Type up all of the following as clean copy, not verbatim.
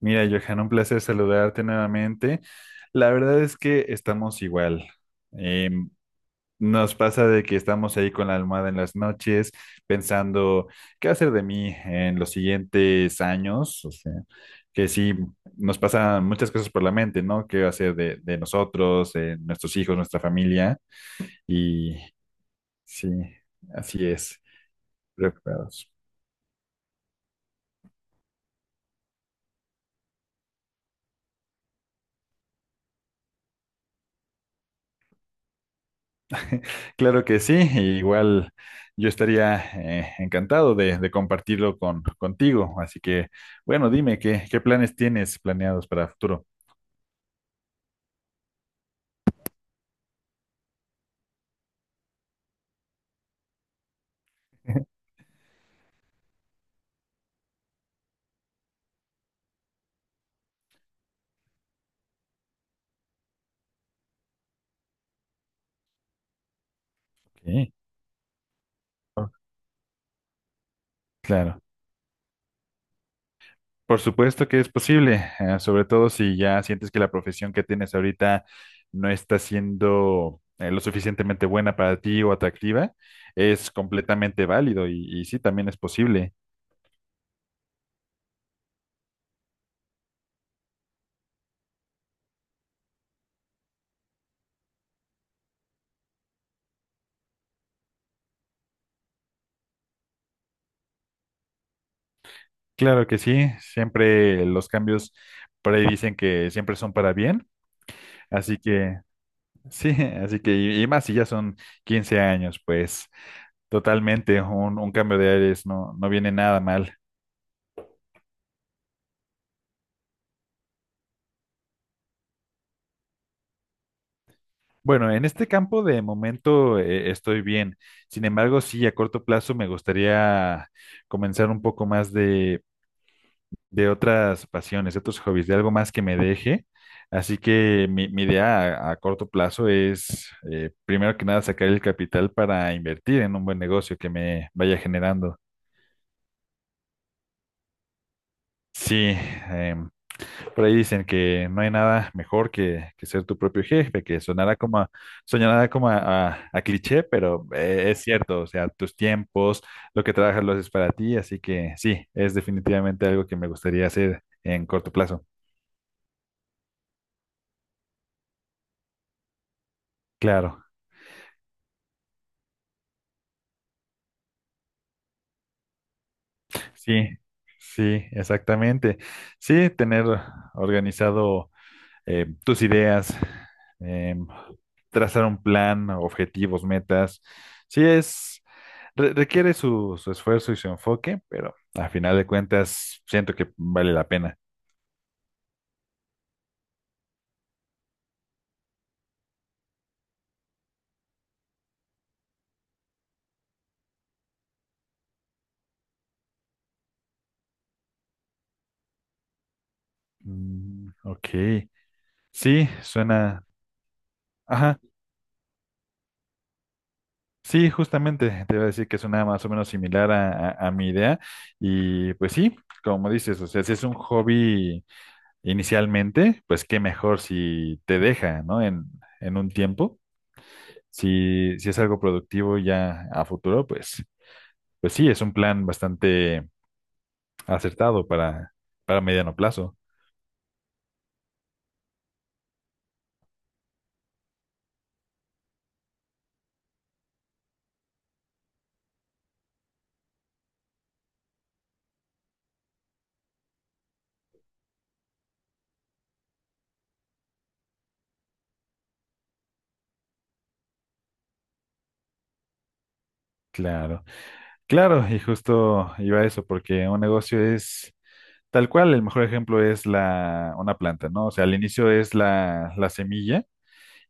Mira, Johan, un placer saludarte nuevamente. La verdad es que estamos igual. Eh, Nos pasa de que estamos ahí con la almohada en las noches, pensando qué hacer de mí en los siguientes años. O sea, que sí, nos pasan muchas cosas por la mente, ¿no? ¿Qué hacer de nosotros, de nuestros hijos, nuestra familia? Y sí, así es, preocupados. Claro que sí, e igual yo estaría encantado de compartirlo con, contigo. Así que, bueno, dime, qué planes tienes planeados para futuro? Sí, claro. Por supuesto que es posible, sobre todo si ya sientes que la profesión que tienes ahorita no está siendo lo suficientemente buena para ti o atractiva, es completamente válido y sí, también es posible. Claro que sí, siempre los cambios por ahí dicen que siempre son para bien, así que... Sí, así que, y más si ya son 15 años, pues totalmente un cambio de aires no, no viene nada mal. Bueno, en este campo de momento estoy bien. Sin embargo, sí, a corto plazo me gustaría comenzar un poco más de otras pasiones, de otros hobbies, de algo más que me deje. Así que mi idea a corto plazo es, primero que nada, sacar el capital para invertir en un buen negocio que me vaya generando. Sí, em, por ahí dicen que no hay nada mejor que ser tu propio jefe, que sonará como a, a cliché, pero es cierto, o sea, tus tiempos, lo que trabajas lo haces para ti, así que sí, es definitivamente algo que me gustaría hacer en corto plazo. Claro, sí, sí, exactamente. Sí, tener organizado. Tus ideas, eh, trazar un plan, objetivos, metas. Sí es, requiere su esfuerzo y su enfoque, pero a final de cuentas siento que vale la pena. Mm, ok, sí, suena, ajá, sí, justamente te iba a decir que suena más o menos similar a, a mi idea y pues sí, como dices, o sea, si es un hobby inicialmente, pues qué mejor si te deja, ¿no? En un tiempo. Si, si es algo productivo ya a futuro, pues, pues sí, es un plan bastante acertado para mediano plazo. Claro, claro, y justo iba a eso, porque un negocio es tal cual, el mejor ejemplo es la, una planta, ¿no? O sea, al inicio es la semilla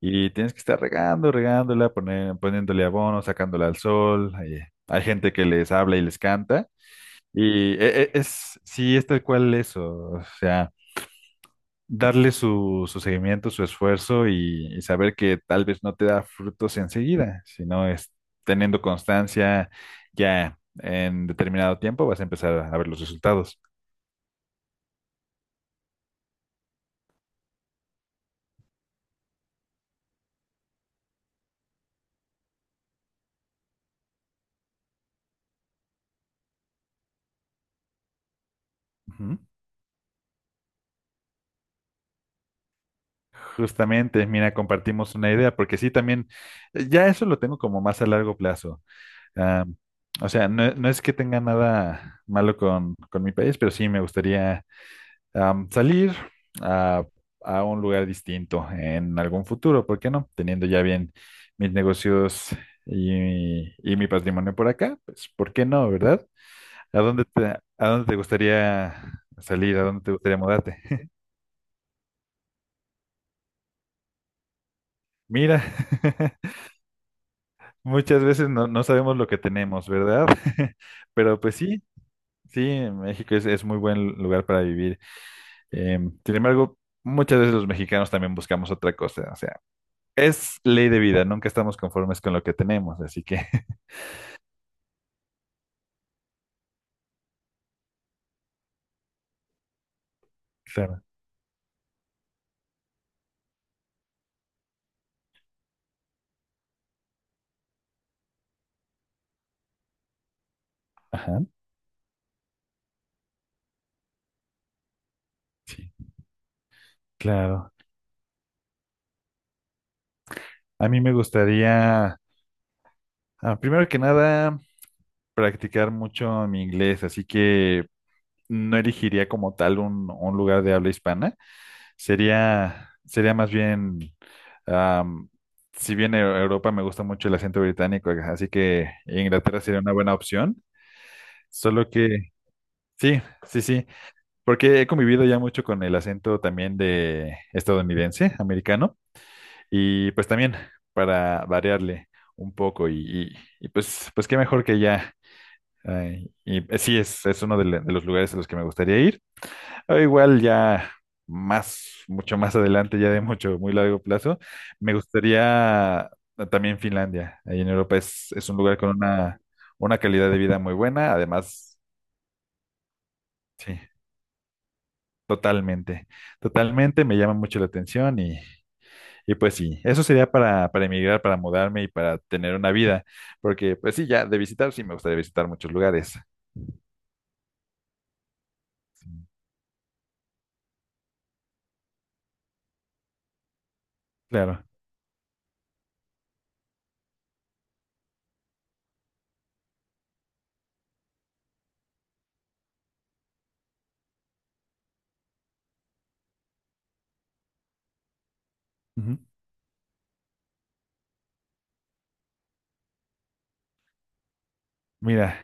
y tienes que estar regando, regándola, poniéndole abono, sacándola al sol. Hay gente que les habla y les canta. Y es, sí, es tal cual eso. O sea, darle su, su seguimiento, su esfuerzo y saber que tal vez no te da frutos enseguida, sino es teniendo constancia ya en determinado tiempo vas a empezar a ver los resultados. Ujú. Justamente, mira, compartimos una idea, porque sí, también, ya eso lo tengo como más a largo plazo. Ah, o sea, no, no es que tenga nada malo con mi país, pero sí me gustaría salir a, a un lugar distinto en algún futuro, ¿por qué no? Teniendo ya bien mis negocios y mi patrimonio por acá, pues ¿por qué no, verdad? A dónde te gustaría salir? ¿A dónde te gustaría mudarte? Mira, muchas veces no, no sabemos lo que tenemos, ¿verdad? Pero pues sí, sí, México es muy buen lugar para vivir. Em, sin embargo, muchas veces los mexicanos también buscamos otra cosa, o sea, es ley de vida, nunca estamos conformes con lo que tenemos, así que, claro, ajá, claro. A mí me gustaría, ah, primero que nada, practicar mucho mi inglés, así que no elegiría como tal un lugar de habla hispana. Sería, sería más bien, am, si bien en Europa me gusta mucho el acento británico, así que Inglaterra sería una buena opción. Solo que, sí, sí, sí. Porque he convivido ya mucho con el acento también de estadounidense, americano, y pues también para variarle un poco y, pues, pues qué mejor que ya. Ay, y sí, es uno de, de los lugares a los que me gustaría ir. O igual ya más, mucho más adelante, ya de mucho, muy largo plazo, me gustaría también Finlandia. Ahí en Europa es un lugar con una calidad de vida muy buena, además, sí. Totalmente, totalmente, me llama mucho la atención y pues sí, eso sería para emigrar, para mudarme y para tener una vida, porque pues sí, ya de visitar, sí me gustaría visitar muchos lugares. Sí, claro. Ujú. Mira,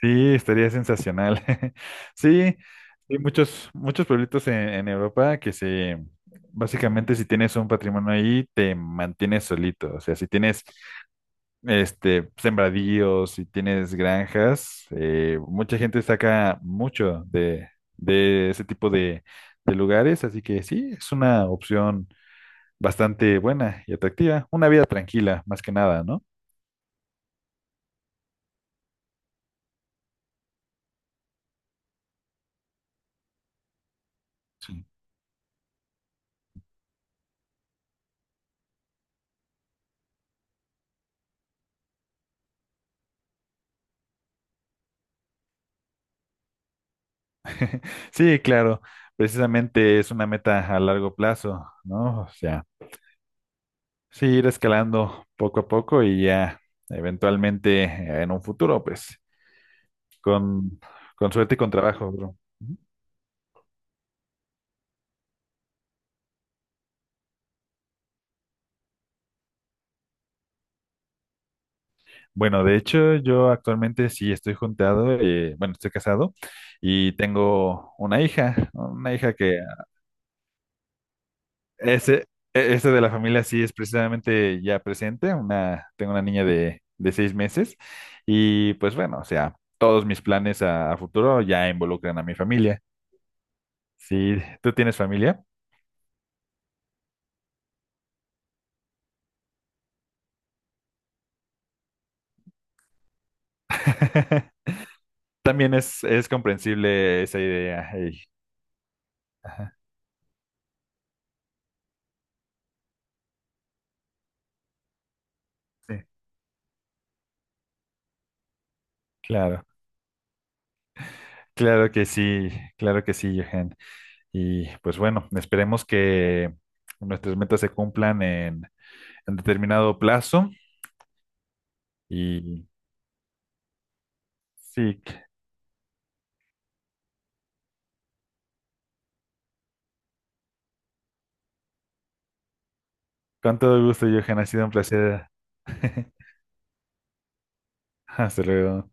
sí, estaría sensacional. Sí, hay muchos, muchos pueblitos en Europa que se, básicamente si tienes un patrimonio ahí, te mantienes solito, o sea, si tienes este, sembradíos y tienes granjas, mucha gente saca mucho de ese tipo de lugares, así que sí, es una opción bastante buena y atractiva, una vida tranquila, más que nada, ¿no? Sí, claro, precisamente es una meta a largo plazo, ¿no? O sea, sí, ir escalando poco a poco y ya eventualmente en un futuro, pues, con, con suerte y con trabajo, bro. Bueno, de hecho, yo actualmente sí estoy juntado, bueno, estoy casado y tengo una hija que ese, ese de la familia sí es precisamente ya presente, una, tengo una niña de 6 meses y pues bueno, o sea, todos mis planes a futuro ya involucran a mi familia. Sí, ¿tú tienes familia? También es comprensible esa idea. Ey, ajá, sí, claro, claro que sí, claro que sí, Johan. Y pues bueno, esperemos que nuestras metas se cumplan en determinado plazo. Y sí, con todo gusto, Johan, ha sido un placer. Hasta luego.